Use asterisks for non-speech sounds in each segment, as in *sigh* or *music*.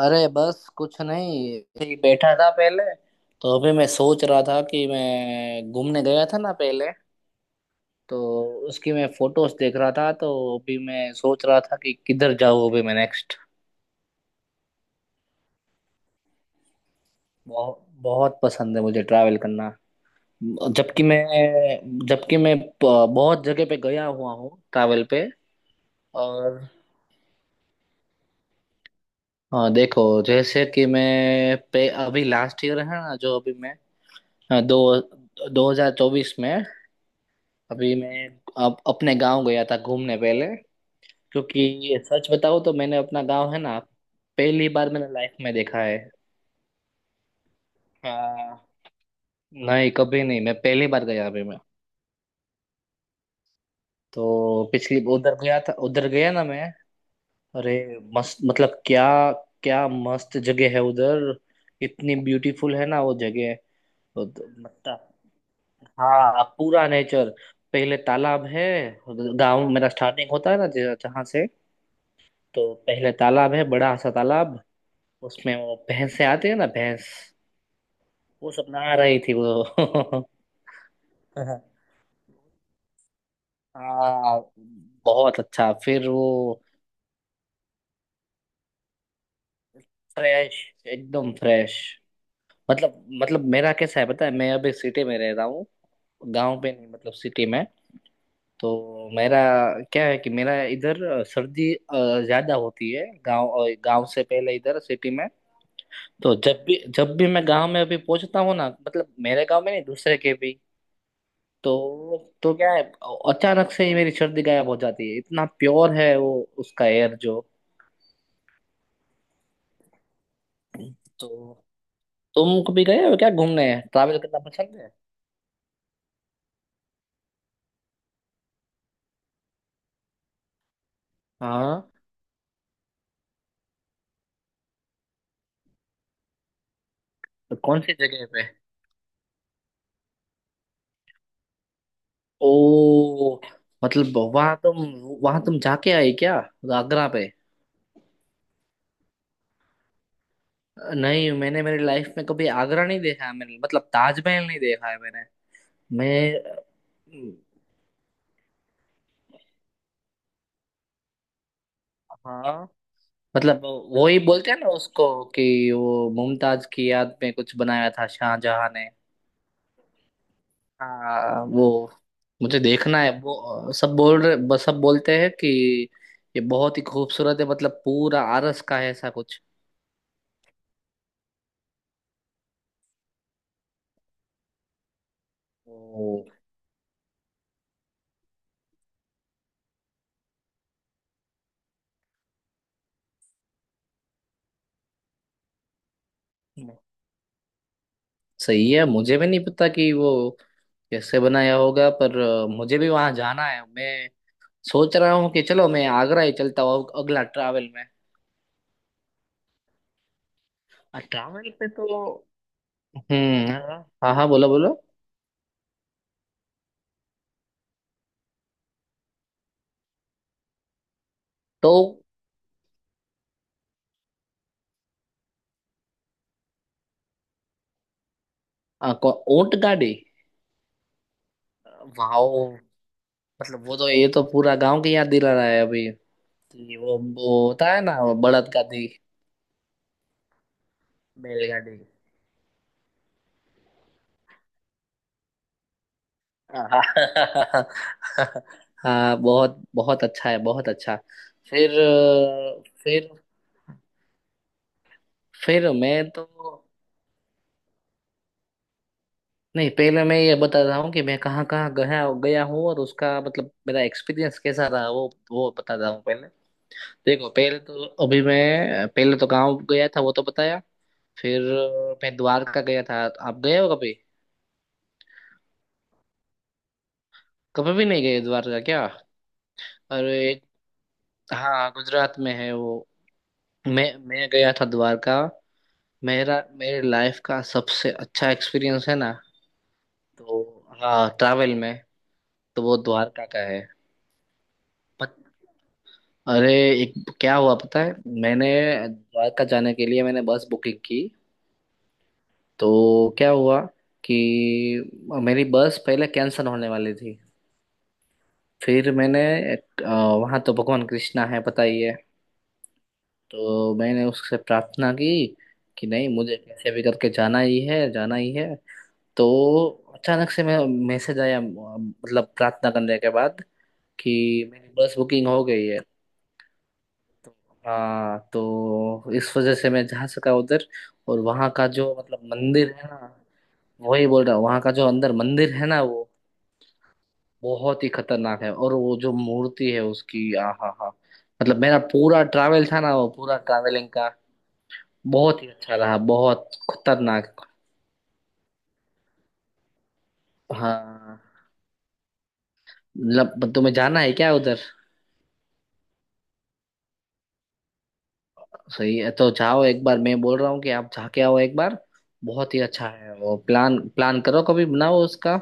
अरे बस कुछ नहीं, ऐसे ही बैठा था पहले। तो अभी मैं सोच रहा था कि मैं घूमने गया था ना पहले। तो उसकी मैं फोटोज देख रहा था। तो अभी मैं सोच रहा था कि किधर जाऊँ अभी मैं नेक्स्ट। बहुत बहुत पसंद है मुझे ट्रैवल करना। जबकि मैं बहुत जगह पे गया हुआ हूँ ट्रैवल पे। और हाँ, देखो जैसे कि मैं पे अभी लास्ट ईयर है ना, जो अभी मैं। हाँ, दो 2024 में अभी मैं अपने गांव गया था घूमने पहले। क्योंकि ये सच बताऊं तो मैंने अपना गांव है ना, पहली बार मैंने लाइफ में देखा है। हाँ। नहीं, कभी नहीं, मैं पहली बार गया अभी मैं। तो पिछली उधर गया था, उधर गया ना मैं। अरे मस्त, मतलब क्या क्या मस्त जगह है उधर। इतनी ब्यूटीफुल है ना वो जगह। मतलब, हाँ पूरा नेचर। पहले तालाब है। गांव मेरा स्टार्टिंग होता है ना जहाँ से। तो पहले तालाब है, बड़ा सा तालाब। उसमें वो भैंस से आती है ना, भैंस। वो सब नहा रही थी वो *laughs* हाँ। हाँ, बहुत अच्छा फिर वो। फ्रेश, एकदम फ्रेश। मतलब मेरा कैसा है पता है, मैं अभी सिटी में रह रहा हूँ। गांव पे नहीं, मतलब सिटी में। तो मेरा क्या है कि मेरा इधर सर्दी ज्यादा होती है गांव से पहले इधर सिटी में। तो जब भी मैं गांव में अभी पहुंचता हूँ ना, मतलब मेरे गांव में नहीं, दूसरे के भी। तो क्या है, अचानक से ही मेरी सर्दी गायब हो जाती है, इतना प्योर है वो, उसका एयर जो। तो तुम कभी गए हो क्या घूमने? ट्रैवल करना पसंद है? हाँ, तो कौन सी जगह पे? ओ, मतलब वहां तुम जाके आई क्या? आगरा पे? नहीं, मैंने मेरी लाइफ में कभी आगरा नहीं देखा है मैंने, मतलब ताजमहल नहीं देखा है मैंने। मैं। हाँ। मतलब वो ही बोलते हैं ना उसको कि वो मुमताज की याद में कुछ बनाया था शाहजहां ने। हाँ वो। मुझे देखना है वो। सब बोल रहे, बस सब बोलते हैं कि ये बहुत ही खूबसूरत है, मतलब पूरा आरस का है ऐसा कुछ। ओ सही है, मुझे भी नहीं पता कि वो कैसे बनाया होगा, पर मुझे भी वहां जाना है। मैं सोच रहा हूँ कि चलो मैं आगरा ही चलता हूँ अगला ट्रैवल में। ट्रैवल पे तो। हम्म, हाँ। हाँ हाँ, बोलो बोलो। तो ऊंट गाड़ी। वाओ, मतलब वो तो, ये तो पूरा गांव की याद दिला रहा है अभी। जी, वो होता है ना वो, बड़द गाड़ी। बैलगाड़ी। हाँ *laughs* हाँ बहुत बहुत अच्छा है, बहुत अच्छा। फिर फिर फिर मैं तो, नहीं पहले मैं ये बता रहा हूँ कि मैं कहाँ कहाँ गया गया हूँ, और उसका मतलब मेरा एक्सपीरियंस कैसा रहा, वो बता रहा हूँ पहले। देखो पहले तो अभी मैं, पहले तो गाँव गया था वो तो बताया। फिर मैं द्वारका गया था। आप गए हो कभी? कभी भी नहीं गए द्वारका क्या? अरे, हाँ गुजरात में है वो। मैं गया था द्वारका। मेरा मेरे लाइफ का सबसे अच्छा एक्सपीरियंस है ना। तो हाँ ट्रैवल में, तो वो द्वारका का है। पत, अरे, एक, क्या हुआ पता है, मैंने द्वारका जाने के लिए मैंने बस बुकिंग की। तो क्या हुआ कि मेरी बस पहले कैंसिल होने वाली थी। फिर मैंने, वहां तो भगवान कृष्णा है पता ही है, तो मैंने उससे प्रार्थना की कि नहीं, मुझे कैसे भी करके जाना ही है, जाना ही है। तो अचानक से मैं, मैसेज आया मतलब प्रार्थना करने के बाद कि मेरी बस बुकिंग हो गई है। हाँ, तो इस वजह से मैं जा सका उधर। और वहाँ का जो, मतलब मंदिर है ना, वही बोल रहा हूँ, वहाँ का जो अंदर मंदिर है ना, वो बहुत ही खतरनाक है, और वो जो मूर्ति है उसकी, आ हा हा। मतलब मेरा पूरा ट्रैवल था ना वो, पूरा ट्रैवलिंग का बहुत ही अच्छा रहा, बहुत खतरनाक। हाँ, मतलब तुम्हें जाना है क्या उधर? सही है, तो जाओ एक बार, मैं बोल रहा हूँ कि आप जाके आओ एक बार। बहुत ही अच्छा है वो। प्लान प्लान करो, कभी बनाओ उसका।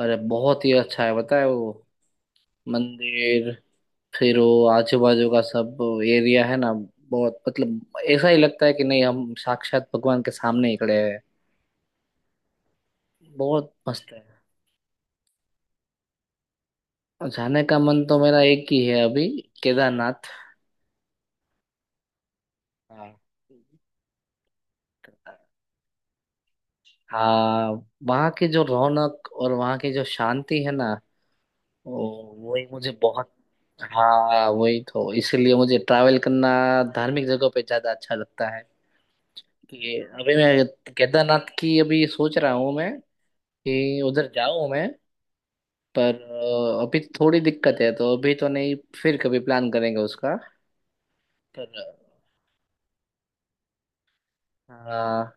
अरे बहुत ही अच्छा है, बताए वो मंदिर, फिर वो आजू बाजू का सब एरिया है ना, बहुत मतलब, ऐसा ही लगता है कि नहीं हम साक्षात भगवान के सामने ही खड़े हैं। बहुत मस्त है। और जाने का मन तो मेरा एक ही है अभी, केदारनाथ। हाँ। हाँ, वहाँ की जो रौनक और वहाँ की जो शांति है ना वो, वही मुझे बहुत। हाँ, वही तो, इसलिए मुझे ट्रैवल करना धार्मिक जगह पे ज्यादा अच्छा लगता है। कि अभी मैं केदारनाथ की अभी सोच रहा हूँ मैं, कि उधर जाऊँ मैं। पर अभी थोड़ी दिक्कत है, तो अभी तो नहीं, फिर कभी प्लान करेंगे उसका। पर हाँ,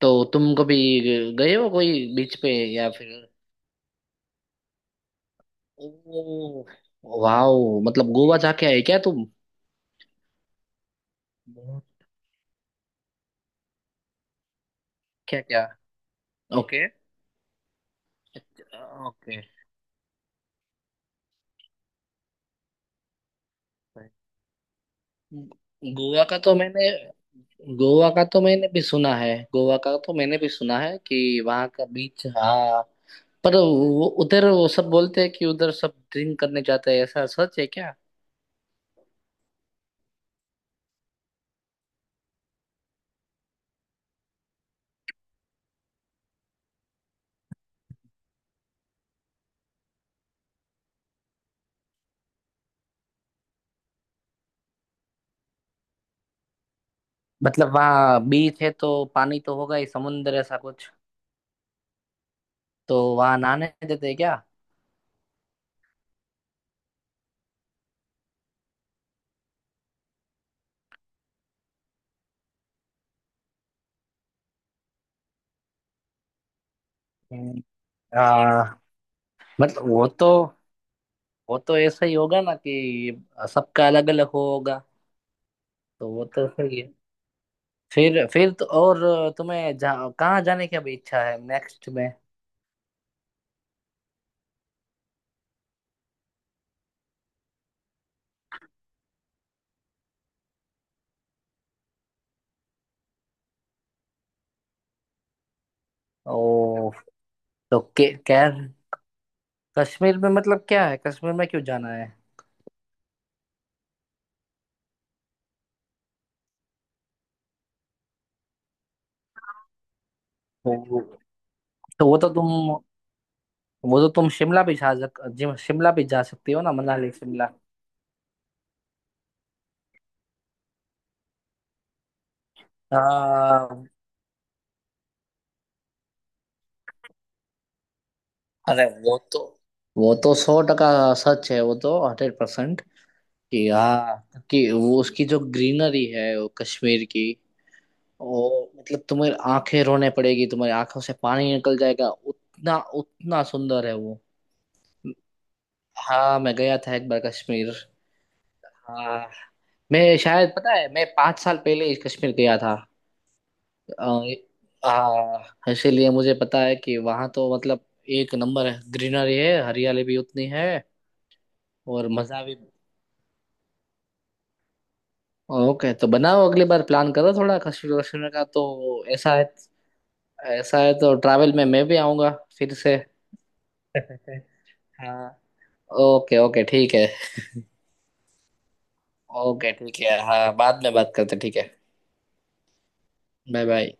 तो तुम कभी गए हो कोई बीच पे या फिर? ओ वाओ, मतलब गोवा जाके आए क्या तुम? क्या क्या? Okay okay. गोवा का तो मैंने गोवा का तो मैंने भी सुना है, गोवा का तो मैंने भी सुना है कि वहाँ का बीच, हाँ। पर वो उधर, वो सब बोलते हैं कि उधर सब ड्रिंक करने जाते हैं, ऐसा सच है क्या? मतलब वहाँ बीच है तो पानी तो होगा ही, समुंदर ऐसा कुछ, तो वहाँ नहाने देते हैं क्या? हम्म, आ, मतलब वो तो ऐसा ही होगा ना कि सबका अलग अलग होगा। तो वो तो सही है। फिर तो, और तुम्हें कहाँ जाने की अभी इच्छा है नेक्स्ट में? ओ, तो के, कैर कश्मीर में, मतलब क्या है कश्मीर में, क्यों जाना है? तो, तो वो तो तुम शिमला भी जा सकती हो ना, मनाली, शिमला। आ, अरे वो तो सौ टका सच है वो तो, 100%। कि हाँ, कि वो उसकी जो ग्रीनरी है वो कश्मीर की, वो मतलब तुम्हें आंखें रोने पड़ेगी, तुम्हारी आंखों से पानी निकल जाएगा उतना, उतना सुंदर है वो। हाँ, मैं गया था एक बार कश्मीर। हाँ, मैं शायद, पता है मैं 5 साल पहले ही कश्मीर गया था। अ, इसीलिए मुझे पता है कि वहाँ तो मतलब एक नंबर है, ग्रीनरी है, हरियाली भी उतनी है। और मजा भी। ओके तो बनाओ, अगली बार प्लान करो थोड़ा, कश्मीर कश्मीर का तो। ऐसा है, ऐसा है तो ट्रैवल में मैं भी आऊंगा फिर से *laughs* हाँ। ओके ओके ठीक है। ओके ठीक है, हाँ बाद में बात करते हैं, ठीक है। Bye bye.